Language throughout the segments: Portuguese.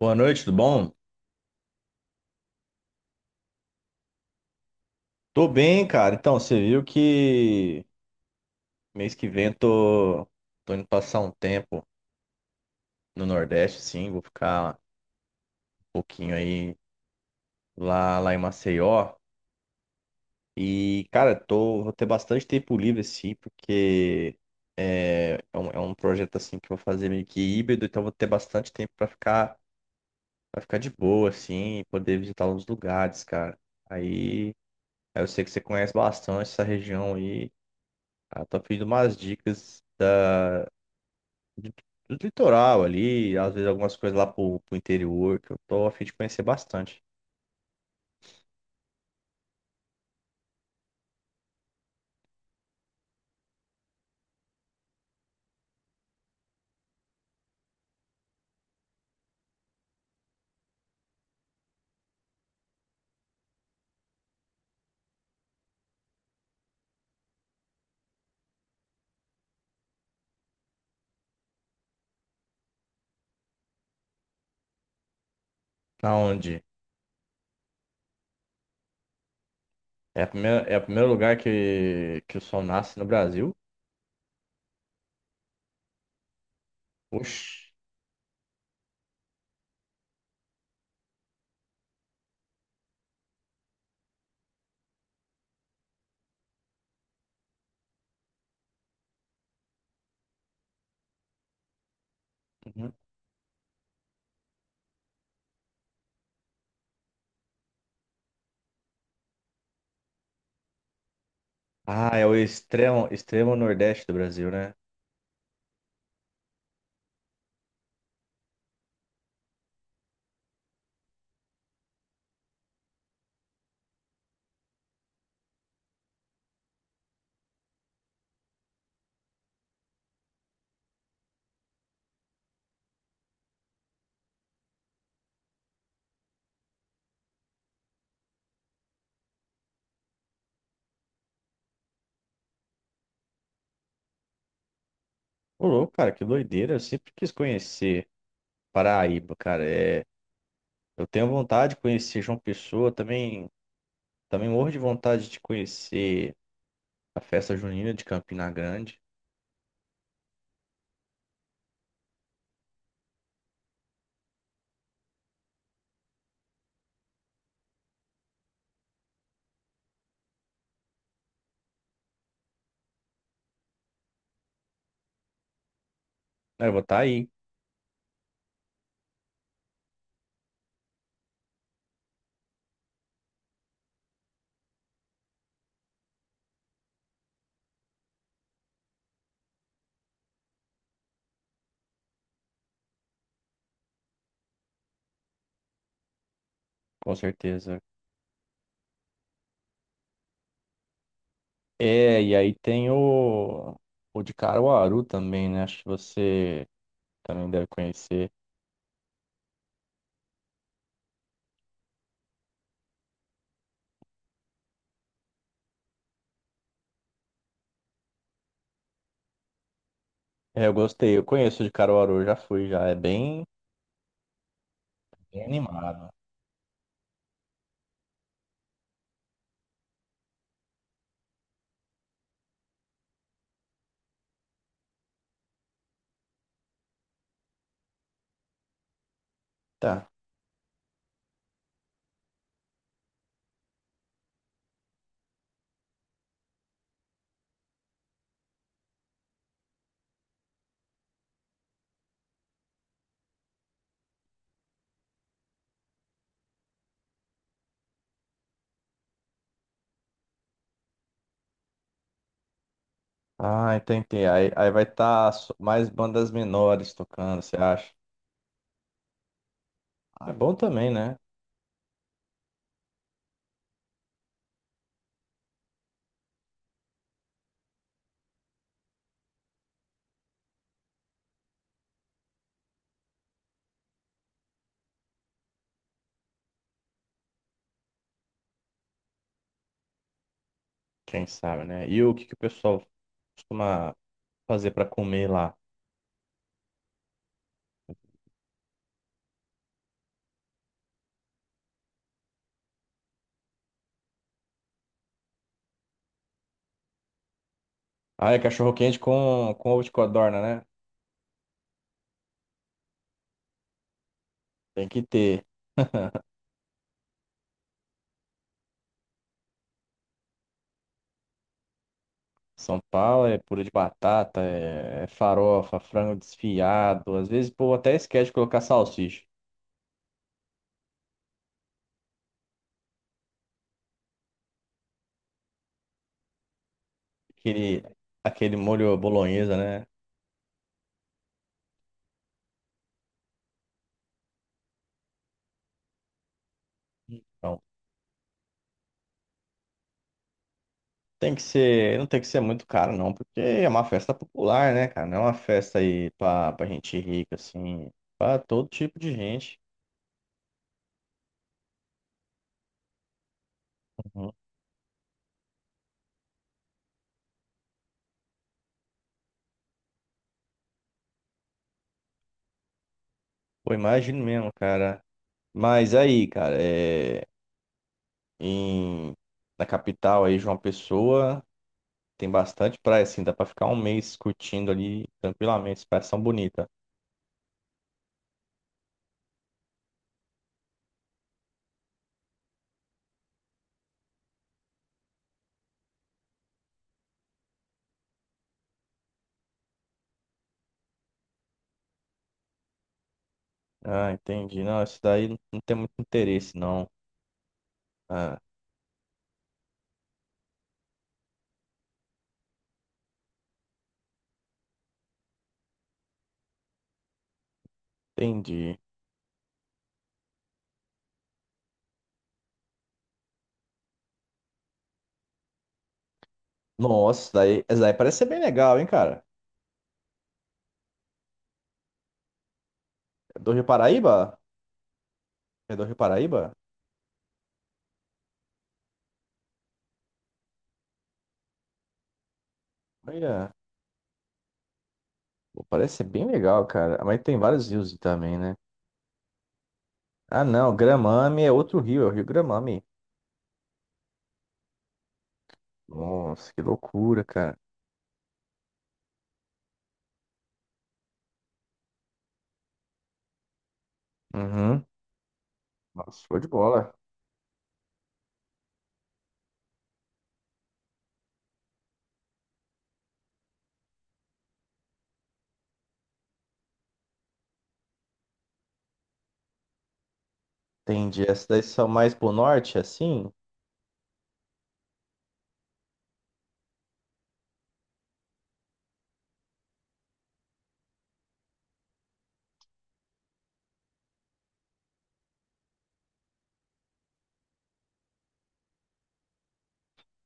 Boa noite, tudo bom? Tô bem, cara. Então, você viu que mês que vem tô indo passar um tempo no Nordeste, sim. Vou ficar um pouquinho aí lá em Maceió. E, cara, vou ter bastante tempo livre, assim, porque é um projeto, assim, que eu vou fazer meio que híbrido. Então, vou ter bastante tempo pra pra ficar de boa, assim, e poder visitar uns lugares, cara. Aí, aí eu sei que você conhece bastante essa região aí. Ah, tô pedindo umas dicas do, do litoral ali, às vezes algumas coisas lá pro interior, que eu tô a fim de conhecer bastante. Na onde? É a primeira, é o primeiro lugar que o sol nasce no Brasil. Oxi. Uhum. Ah, é o extremo, extremo nordeste do Brasil, né? Ô, louco, cara, que doideira. Eu sempre quis conhecer Paraíba, cara. É, eu tenho vontade de conhecer João Pessoa, também, também morro de vontade de conhecer a festa junina de Campina Grande. É, eu vou estar aí, com certeza. É, e aí tem o de Caruaru também, né? Acho que você também deve conhecer. É, eu gostei, eu conheço o de Caruaru, já fui, já é bem, bem animado. Tá. Ah, entendi. Aí vai estar mais bandas menores tocando, você acha? Ah, é bom também, né? Quem sabe, né? E o que o pessoal costuma fazer pra comer lá? Ah, é cachorro quente com ovo de codorna, né? Tem que ter. São Paulo é purê de batata, é farofa, frango desfiado. Às vezes, pô, até esquece de colocar salsicha. Aquele, aquele molho bolonhesa, né? Então, não tem que ser muito caro, não, porque é uma festa popular, né, cara? Não é uma festa aí pra gente rica, assim, pra todo tipo de gente. Uhum. Pô, imagino mesmo, cara. Mas aí, cara, é, em, na capital aí, João Pessoa. Tem bastante praia, assim, dá pra ficar um mês curtindo ali tranquilamente. As praias são bonitas. Ah, entendi. Não, isso daí não tem muito interesse, não. Ah, entendi. Nossa, isso daí parece ser bem legal, hein, cara? É do Rio Paraíba? É do Rio Paraíba? Olha, pô, parece ser bem legal, cara. Mas tem vários rios também, né? Ah, não, Gramame é outro rio, é o Rio Gramame. Nossa, que loucura, cara. Uhum. Nossa, show de bola. Entendi. Essas daí são mais pro norte, assim?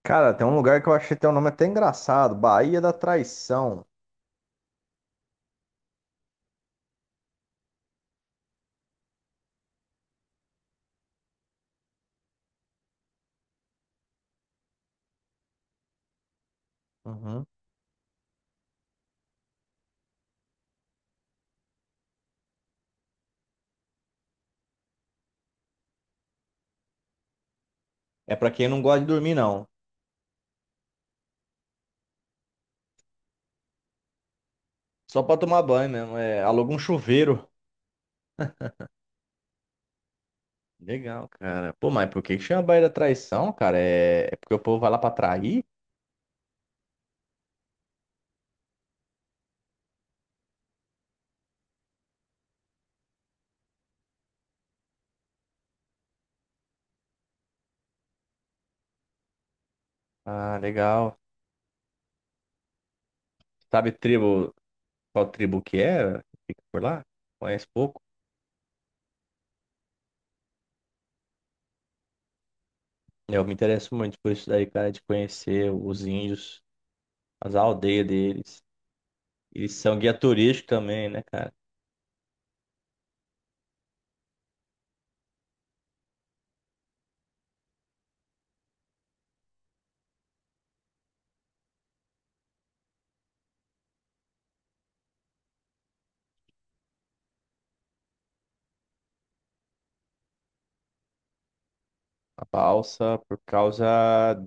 Cara, tem um lugar que eu achei até o nome até engraçado, Baía da Traição. Uhum. É pra quem não gosta de dormir, não. Só pra tomar banho mesmo. É, aluga um chuveiro. Legal, cara. Pô, mas por que que chama Baía da Traição, cara? É, é porque o povo vai lá pra trair? Ah, legal. Sabe tribo, qual tribo que é? Fica por lá? Conhece pouco? Eu me interesso muito por isso daí, cara, de conhecer os índios, as aldeias deles. Eles são guia turístico também, né, cara? A balsa,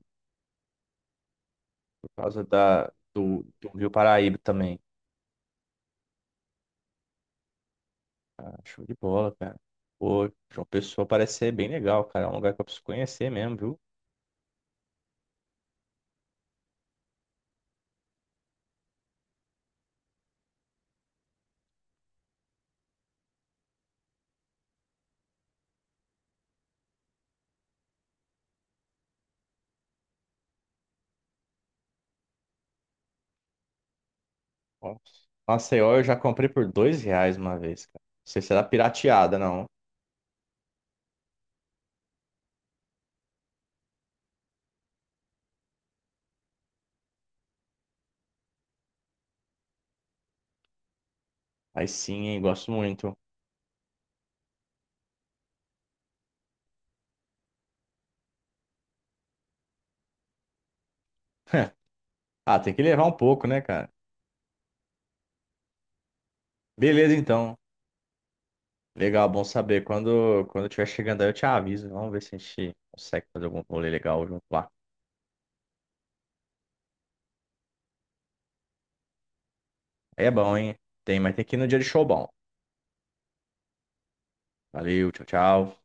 por causa do Rio Paraíba também. Ah, show de bola, cara. Pô, João Pessoa parece ser bem legal, cara. É um lugar que eu preciso conhecer mesmo, viu? Nossa. Maceió eu já comprei por R$ 2 uma vez, cara. Não sei se era pirateada, não. Aí sim, hein, gosto muito. Ah, tem que levar um pouco, né, cara? Beleza, então. Legal, bom saber. Quando eu estiver chegando aí, eu te aviso. Vamos ver se a gente consegue fazer algum rolê legal junto lá. Aí é bom, hein? Tem, mas tem que ir no dia de show bom. Valeu, tchau, tchau.